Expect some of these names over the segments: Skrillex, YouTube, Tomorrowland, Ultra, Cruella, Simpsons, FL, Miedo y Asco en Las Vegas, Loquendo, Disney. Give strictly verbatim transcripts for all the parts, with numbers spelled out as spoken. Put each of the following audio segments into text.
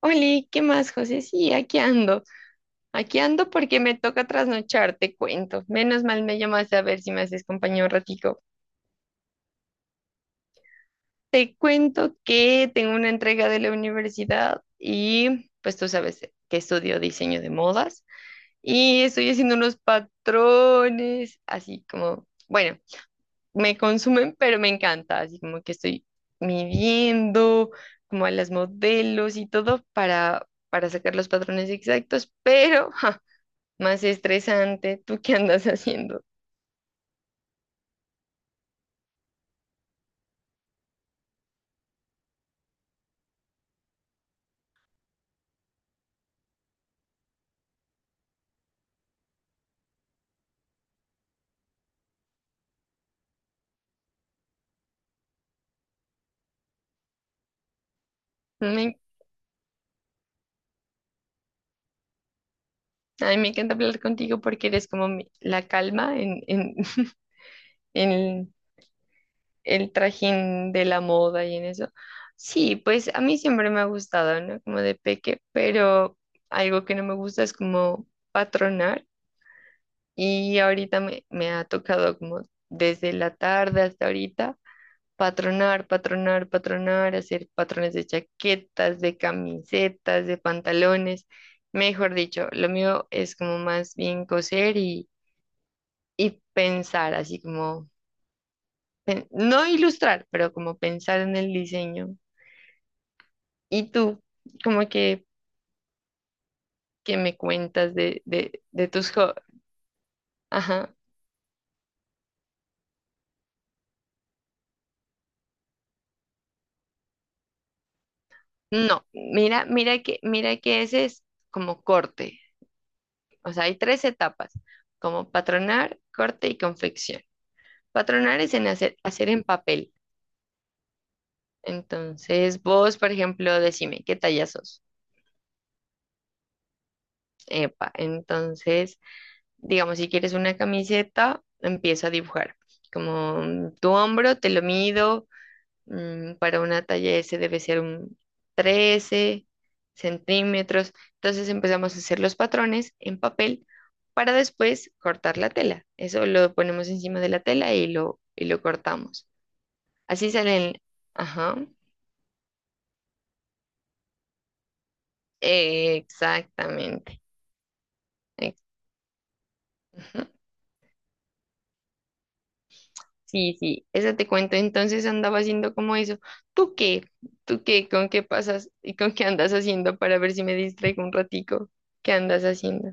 Oli, ¿qué más, José? Sí, aquí ando. Aquí ando porque me toca trasnochar, te cuento. Menos mal me llamaste a ver si me haces compañía un ratico. Te cuento que tengo una entrega de la universidad y pues tú sabes que estudio diseño de modas y estoy haciendo unos patrones, así como, bueno, me consumen, pero me encanta, así como que estoy midiendo como a las modelos y todo para, para sacar los patrones exactos, pero más estresante. ¿Tú qué andas haciendo? Me, a mí me encanta hablar contigo porque eres como mi- la calma en, en, en el, el trajín de la moda y en eso. Sí, pues a mí siempre me ha gustado, ¿no? Como de peque, pero algo que no me gusta es como patronar y ahorita me, me ha tocado como desde la tarde hasta ahorita. Patronar, patronar, patronar, hacer patrones de chaquetas, de camisetas, de pantalones. Mejor dicho, lo mío es como más bien coser y, y pensar, así como, pen- no ilustrar, pero como pensar en el diseño. ¿Y tú, como que, que me cuentas de, de, de tus hobbies? Ajá. No, mira, mira que, mira que ese es como corte. O sea, hay tres etapas, como patronar, corte y confección. Patronar es en hacer, hacer en papel. Entonces, vos, por ejemplo, decime, ¿qué talla sos? Epa, entonces, digamos, si quieres una camiseta, empiezo a dibujar. Como mm, tu hombro, te lo mido, mm, para una talla S debe ser un trece centímetros. Entonces empezamos a hacer los patrones en papel para después cortar la tela. Eso lo ponemos encima de la tela y lo, y lo cortamos. Así salen, ajá. Exactamente. ex- ujú. Sí, sí, eso te cuento. Entonces andaba haciendo como eso. ¿Tú qué? ¿Tú qué? ¿Con qué pasas y con qué andas haciendo para ver si me distraigo un ratico? ¿Qué andas haciendo?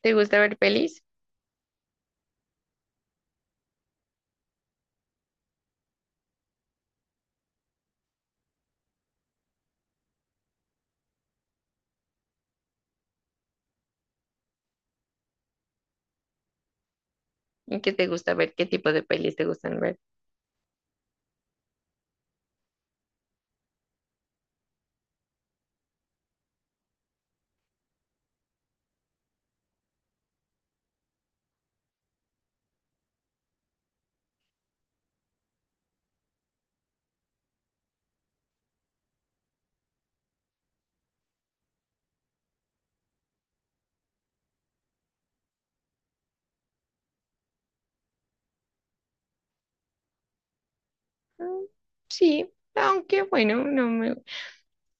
¿Te gusta ver pelis? ¿Y qué te gusta ver? ¿Qué tipo de pelis te gustan ver? Mm, Sí, aunque bueno, no me,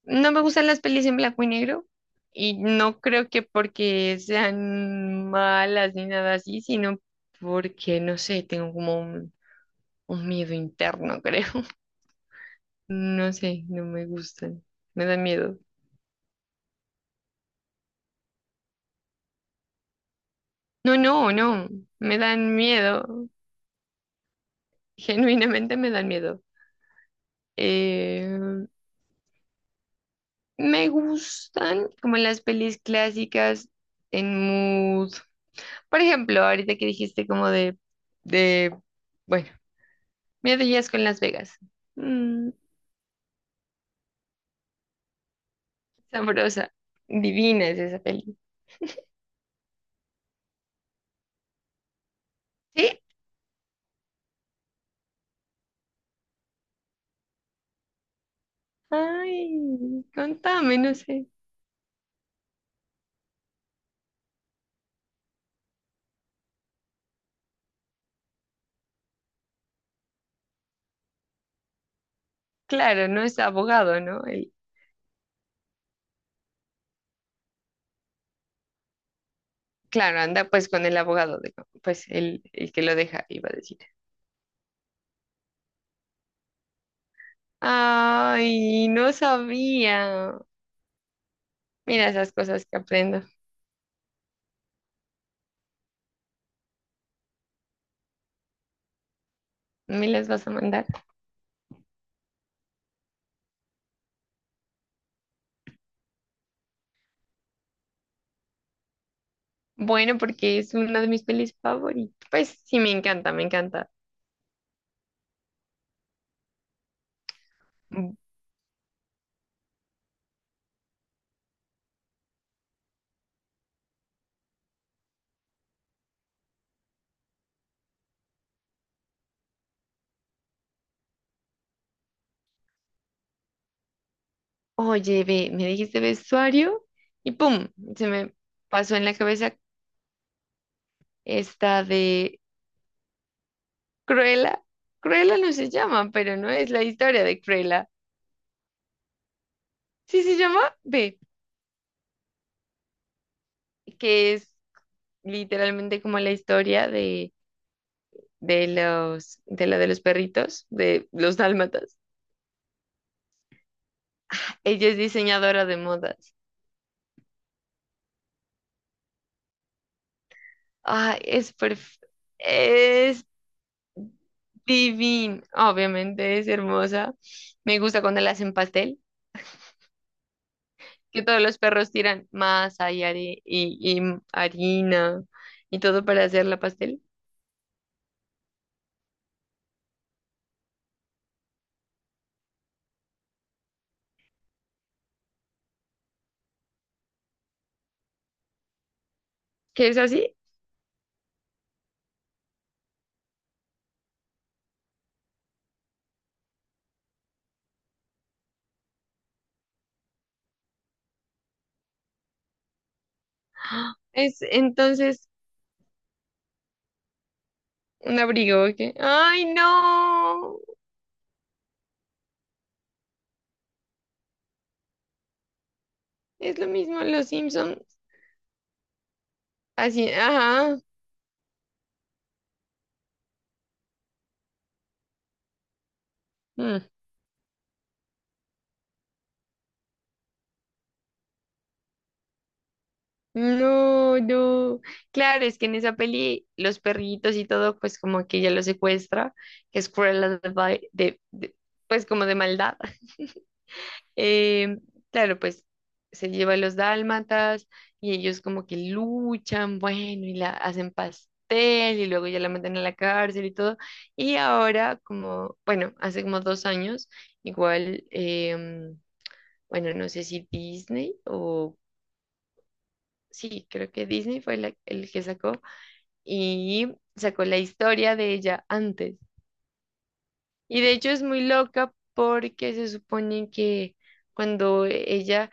no me gustan las pelis en blanco y negro. Y no creo que porque sean malas ni nada así, sino porque, no sé, tengo como un un miedo interno, creo. No sé, no me gustan. Me dan miedo. No, no, no. Me dan miedo. Genuinamente me dan miedo. Eh, Me gustan como las pelis clásicas en mood. Por ejemplo, ahorita que dijiste como de, de, bueno, Miedo y Asco en Las Vegas. Mm, sabrosa. Divina es esa peli. ¿Sí? Ay, contame, no sé. Claro, no es abogado, ¿no? Claro, anda pues con el abogado, de- pues el, el que lo deja, iba a decir. Ay, no sabía. Mira esas cosas que aprendo. ¿Me las vas a mandar? Bueno, porque es una de mis pelis favoritas. Pues sí, me encanta, me encanta. Mm, Oye, ve, me dijiste vestuario y pum, se me pasó en la cabeza esta de Cruella. Cruella no se llama, pero no es la historia de Cruella. Sí se llama, ve, que es literalmente como la historia de, de los, de la de los perritos, de los dálmatas. Ella es diseñadora de modas. Ay, es perf- es divina. Obviamente es hermosa. Me gusta cuando la hacen pastel, que todos los perros tiran masa y, are- y, y harina y todo para hacer la pastel. ¿Qué es así? Es entonces un abrigo que... ¡Ay, no! Es lo mismo en los Simpsons. Así, ajá. Mm. No, no. Claro, es que en esa peli los perritos y todo, pues como que ella los secuestra, que es Cruella de, Vil- de- de- pues como de maldad. Eh, claro, pues se lleva a los dálmatas y ellos como que luchan, bueno, y la hacen pastel y luego ya la meten a la cárcel y todo. Y ahora, como, bueno, hace como dos años, igual, em, bueno, no sé si Disney o... Sí, creo que Disney fue la- el que sacó. Y sacó la historia de ella antes. Y de hecho es muy loca porque se supone que cuando ella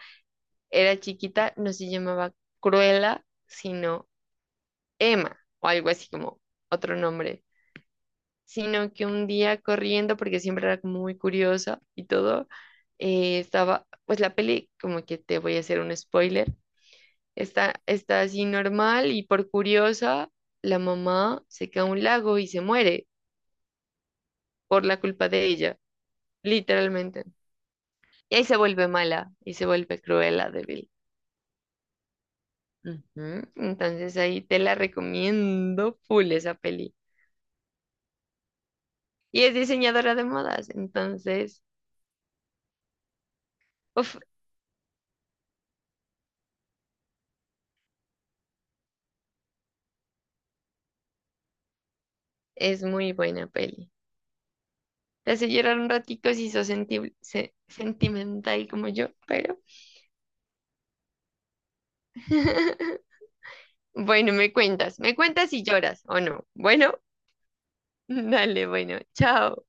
era chiquita no se llamaba Cruella, sino Emma o algo así como otro nombre, sino que un día corriendo, porque siempre era como muy curiosa y todo, eh, estaba, pues la peli, como que te voy a hacer un spoiler, está, está así normal y por curiosa, la mamá se cae a un lago y se muere. Por la culpa de ella, literalmente. Y ahí se vuelve mala y se vuelve cruela, débil. Ujú, entonces ahí te la recomiendo full esa peli. Y es diseñadora de modas, entonces, uf, es muy buena peli. Te hace llorar un ratico si sos sentibl- se- sentimental como yo, pero bueno, me cuentas, me cuentas si lloras o no. Bueno, dale, bueno, chao.